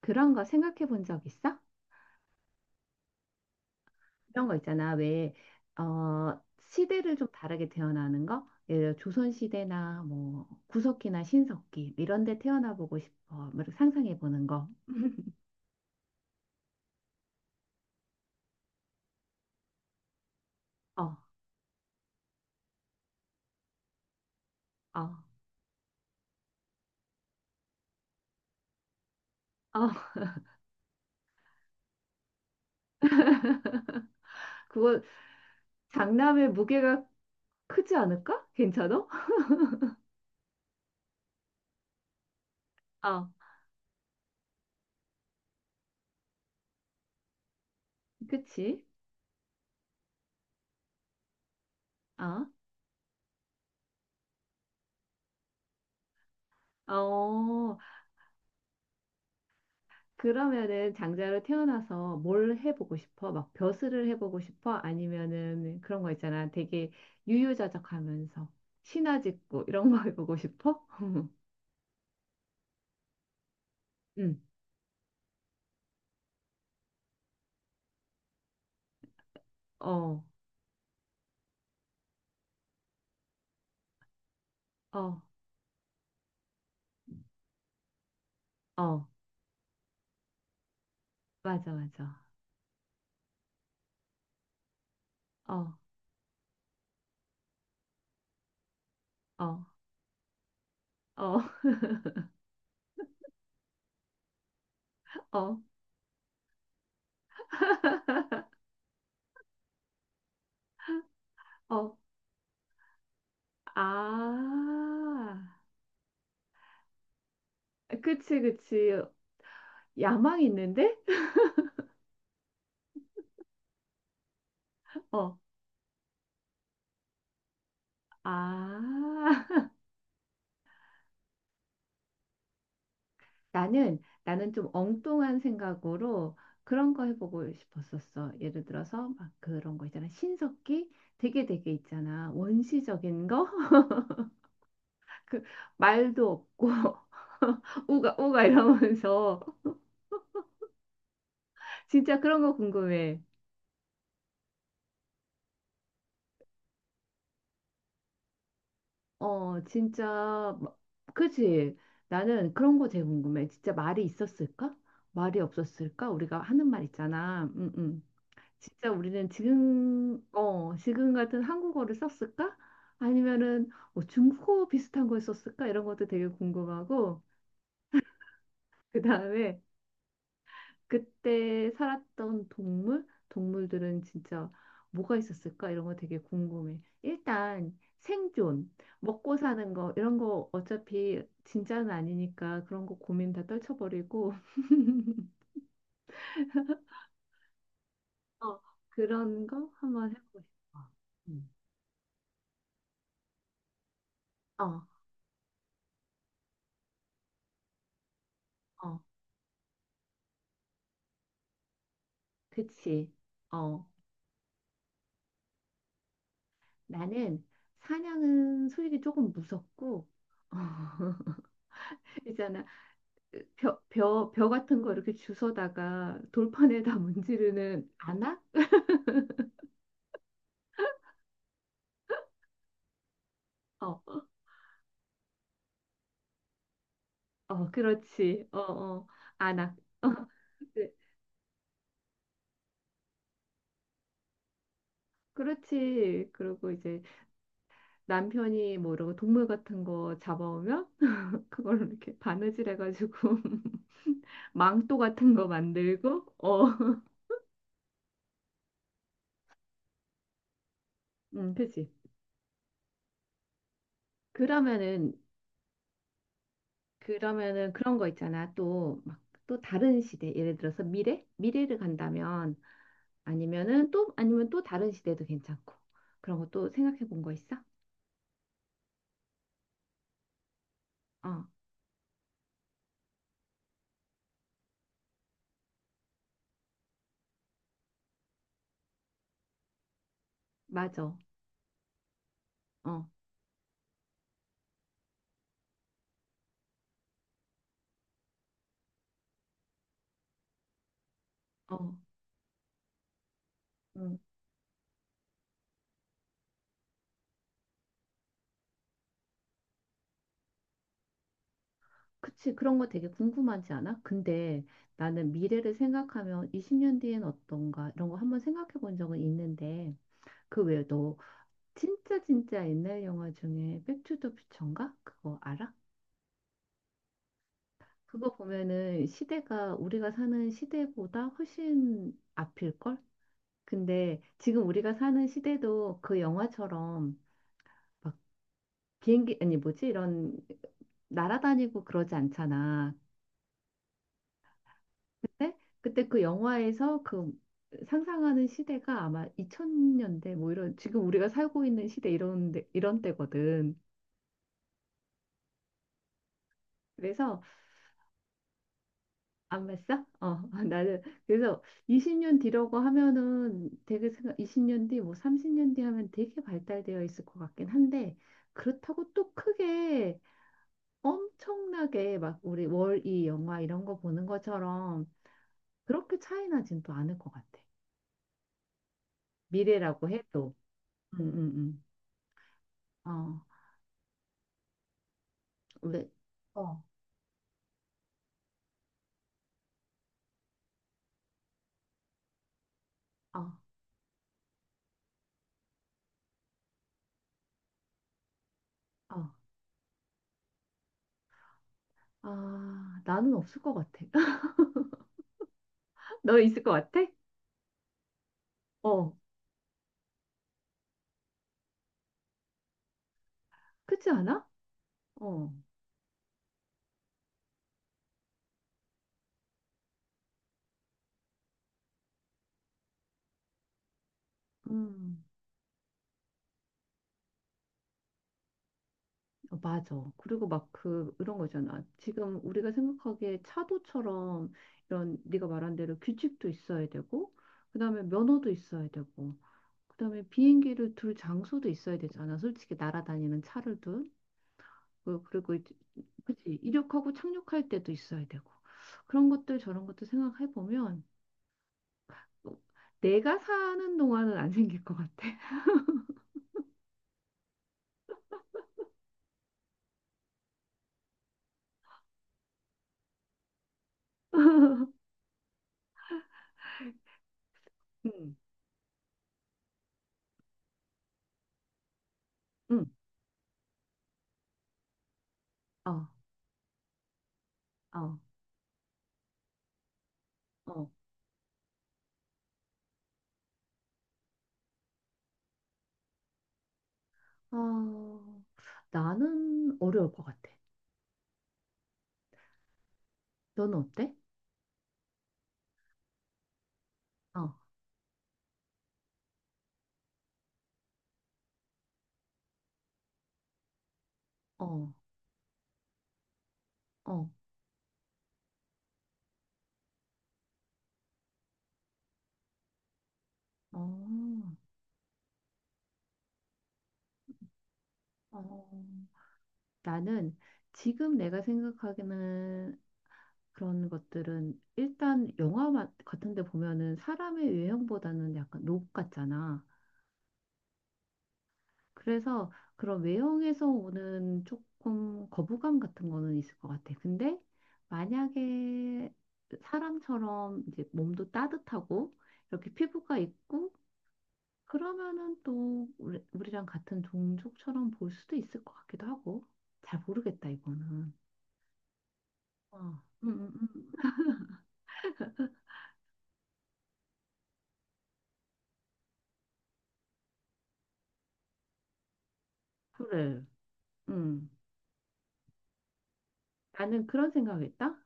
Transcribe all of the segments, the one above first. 그런 거 생각해 본 적 있어? 그런 거 있잖아. 왜, 어, 시대를 좀 다르게 태어나는 거? 예를 들어 조선시대나 뭐 구석기나 신석기 뭐 이런 데 태어나 보고 싶어. 뭐 상상해 보는 거. 어, 어, 어. 그거 장남의 무게가 크지 않을까? 괜찮아? 어, 그치? 어, 어. 그러면은 장자로 태어나서 뭘 해보고 싶어? 막 벼슬을 해보고 싶어? 아니면은 그런 거 있잖아. 되게 유유자적하면서 신화 짓고 이런 거 해보고 싶어? 응. 어, 어, 어. 맞아, 맞아. 어, 어, 어, 어, 어. 아, 그치, 그치. 야망이 있는데? 어, 아. 나는 좀 엉뚱한 생각으로 그런 거 해보고 싶었었어. 예를 들어서 막 그런 거 있잖아. 신석기 되게 되게 있잖아. 원시적인 거? 그 말도 없고 우가 우가 이러면서 진짜 그런 거 궁금해. 어, 진짜. 그치? 나는 그런 거 제일 궁금해. 진짜 말이 있었을까? 말이 없었을까? 우리가 하는 말 있잖아. 응응. 진짜 우리는 지금 같은 한국어를 썼을까? 아니면은 뭐 중국어 비슷한 걸 썼을까? 이런 것도 되게 궁금하고, 그다음에 그때 살았던 동물들은 진짜 뭐가 있었을까? 이런 거 되게 궁금해. 일단 생존, 먹고 사는 거 이런 거 어차피 진짜는 아니니까 그런 거 고민 다 떨쳐버리고 어 그런 거 한번 해보고 싶어. 음. 어, 어, 그치. 어. 나는 사냥은 솔직히 조금 무섭고 있잖아, 벼 같은 거 이렇게 주워다가 돌판에다 문지르는 안악? 어, 어, 그렇지. 어, 어, 안악. 어, 네. 그렇지. 그리고 이제 남편이 뭐 이러고 동물 같은 거 잡아오면 그걸로 이렇게 바느질 해가지고 망토 같은 거 만들고, 어. 그치. 그러면은 그러면은 그런 거 있잖아. 또 막 또 다른 시대, 예를 들어서 미래를 간다면, 아니면 또 다른 시대도 괜찮고, 그런 거 또 생각해 본 거 있어? 어, 맞아. 어, 어, 응. 그치. 그런 거 되게 궁금하지 않아? 근데 나는 미래를 생각하면 20년 뒤엔 어떤가 이런 거 한번 생각해 본 적은 있는데 그 외에도 진짜 진짜 옛날 영화 중에 백투더 퓨처인가? 그거 알아? 그거 보면은 시대가 우리가 사는 시대보다 훨씬 앞일걸? 근데 지금 우리가 사는 시대도 그 영화처럼 막 비행기, 아니 뭐지? 이런 날아다니고 그러지 않잖아. 근데 그때 그 영화에서 그 상상하는 시대가 아마 2000년대 뭐 이런 지금 우리가 살고 있는 시대 이런 데, 이런 때거든. 그래서 안 봤어? 어, 나는 그래서 20년 뒤라고 하면은 되게 생각 20년 뒤, 뭐 30년 뒤 하면 되게 발달되어 있을 것 같긴 한데, 그렇다고 또 크게 엄청나게 막 우리 월이 영화 이런 거 보는 것처럼 그렇게 차이 나진 또 않을 것 같아. 미래라고 해도. 응, 응, 응. 어, 왜? 어, 어, 어. 아, 나는 없을 것 같아. 너 있을 것 같아? 어, 그렇지 않아? 어, 음. 어, 맞아. 그리고 막 그, 이런 거잖아. 지금 우리가 생각하기에 차도처럼 이런 네가 말한 대로 규칙도 있어야 되고, 그다음에 면허도 있어야 되고, 그다음에 비행기를 둘 장소도 있어야 되잖아. 솔직히 날아다니는 차를 둘. 그리고, 그치. 이륙하고 착륙할 때도 있어야 되고. 그런 것들 저런 것도 생각해 보면, 어, 내가 사는 동안은 안 생길 것 같아. 응, 응, 어, 어, 어. 아, 나는 어려울 것 같아. 너는 어때? 어, 어, 어, 어, 어. 나는 지금 내가 생각하기는 그런 것들은 일단 영화 같은 데 보면은 사람의 외형보다는 약간 로봇 같잖아. 그래서 그런 외형에서 오는 조금 거부감 같은 거는 있을 것 같아. 근데 만약에 사람처럼 이제 몸도 따뜻하고 이렇게 피부가 있고 그러면은 또 우리랑 같은 종족처럼 볼 수도 있을 것 같기도 하고 잘 모르겠다 이거는. 어, 그래. 음. 나는 그런 생각했다.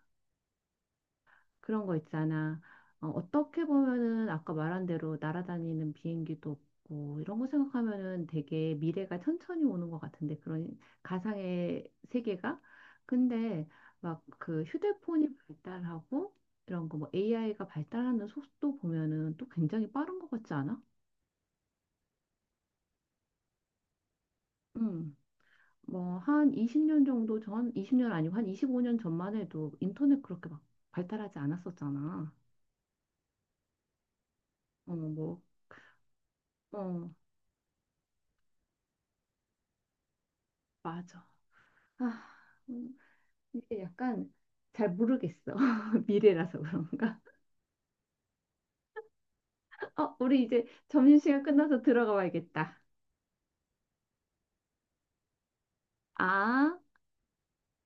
그런 거 있잖아. 어떻게 보면은 아까 말한 대로 날아다니는 비행기도 없고 이런 거 생각하면은 되게 미래가 천천히 오는 것 같은데 그런 가상의 세계가 근데 막 그 휴대폰이 발달하고 이런 거 뭐 AI가 발달하는 속도 보면은 또 굉장히 빠른 것 같지 않아? 음. 뭐 한 20년 정도 전, 20년 아니고 한 25년 전만 해도 인터넷 그렇게 막 발달하지 않았었잖아. 어, 뭐, 어, 맞아. 아, 음. 이게 약간 잘 모르겠어. 미래라서 그런가? 어, 우리 이제 점심시간 끝나서 들어가 봐야겠다. 아.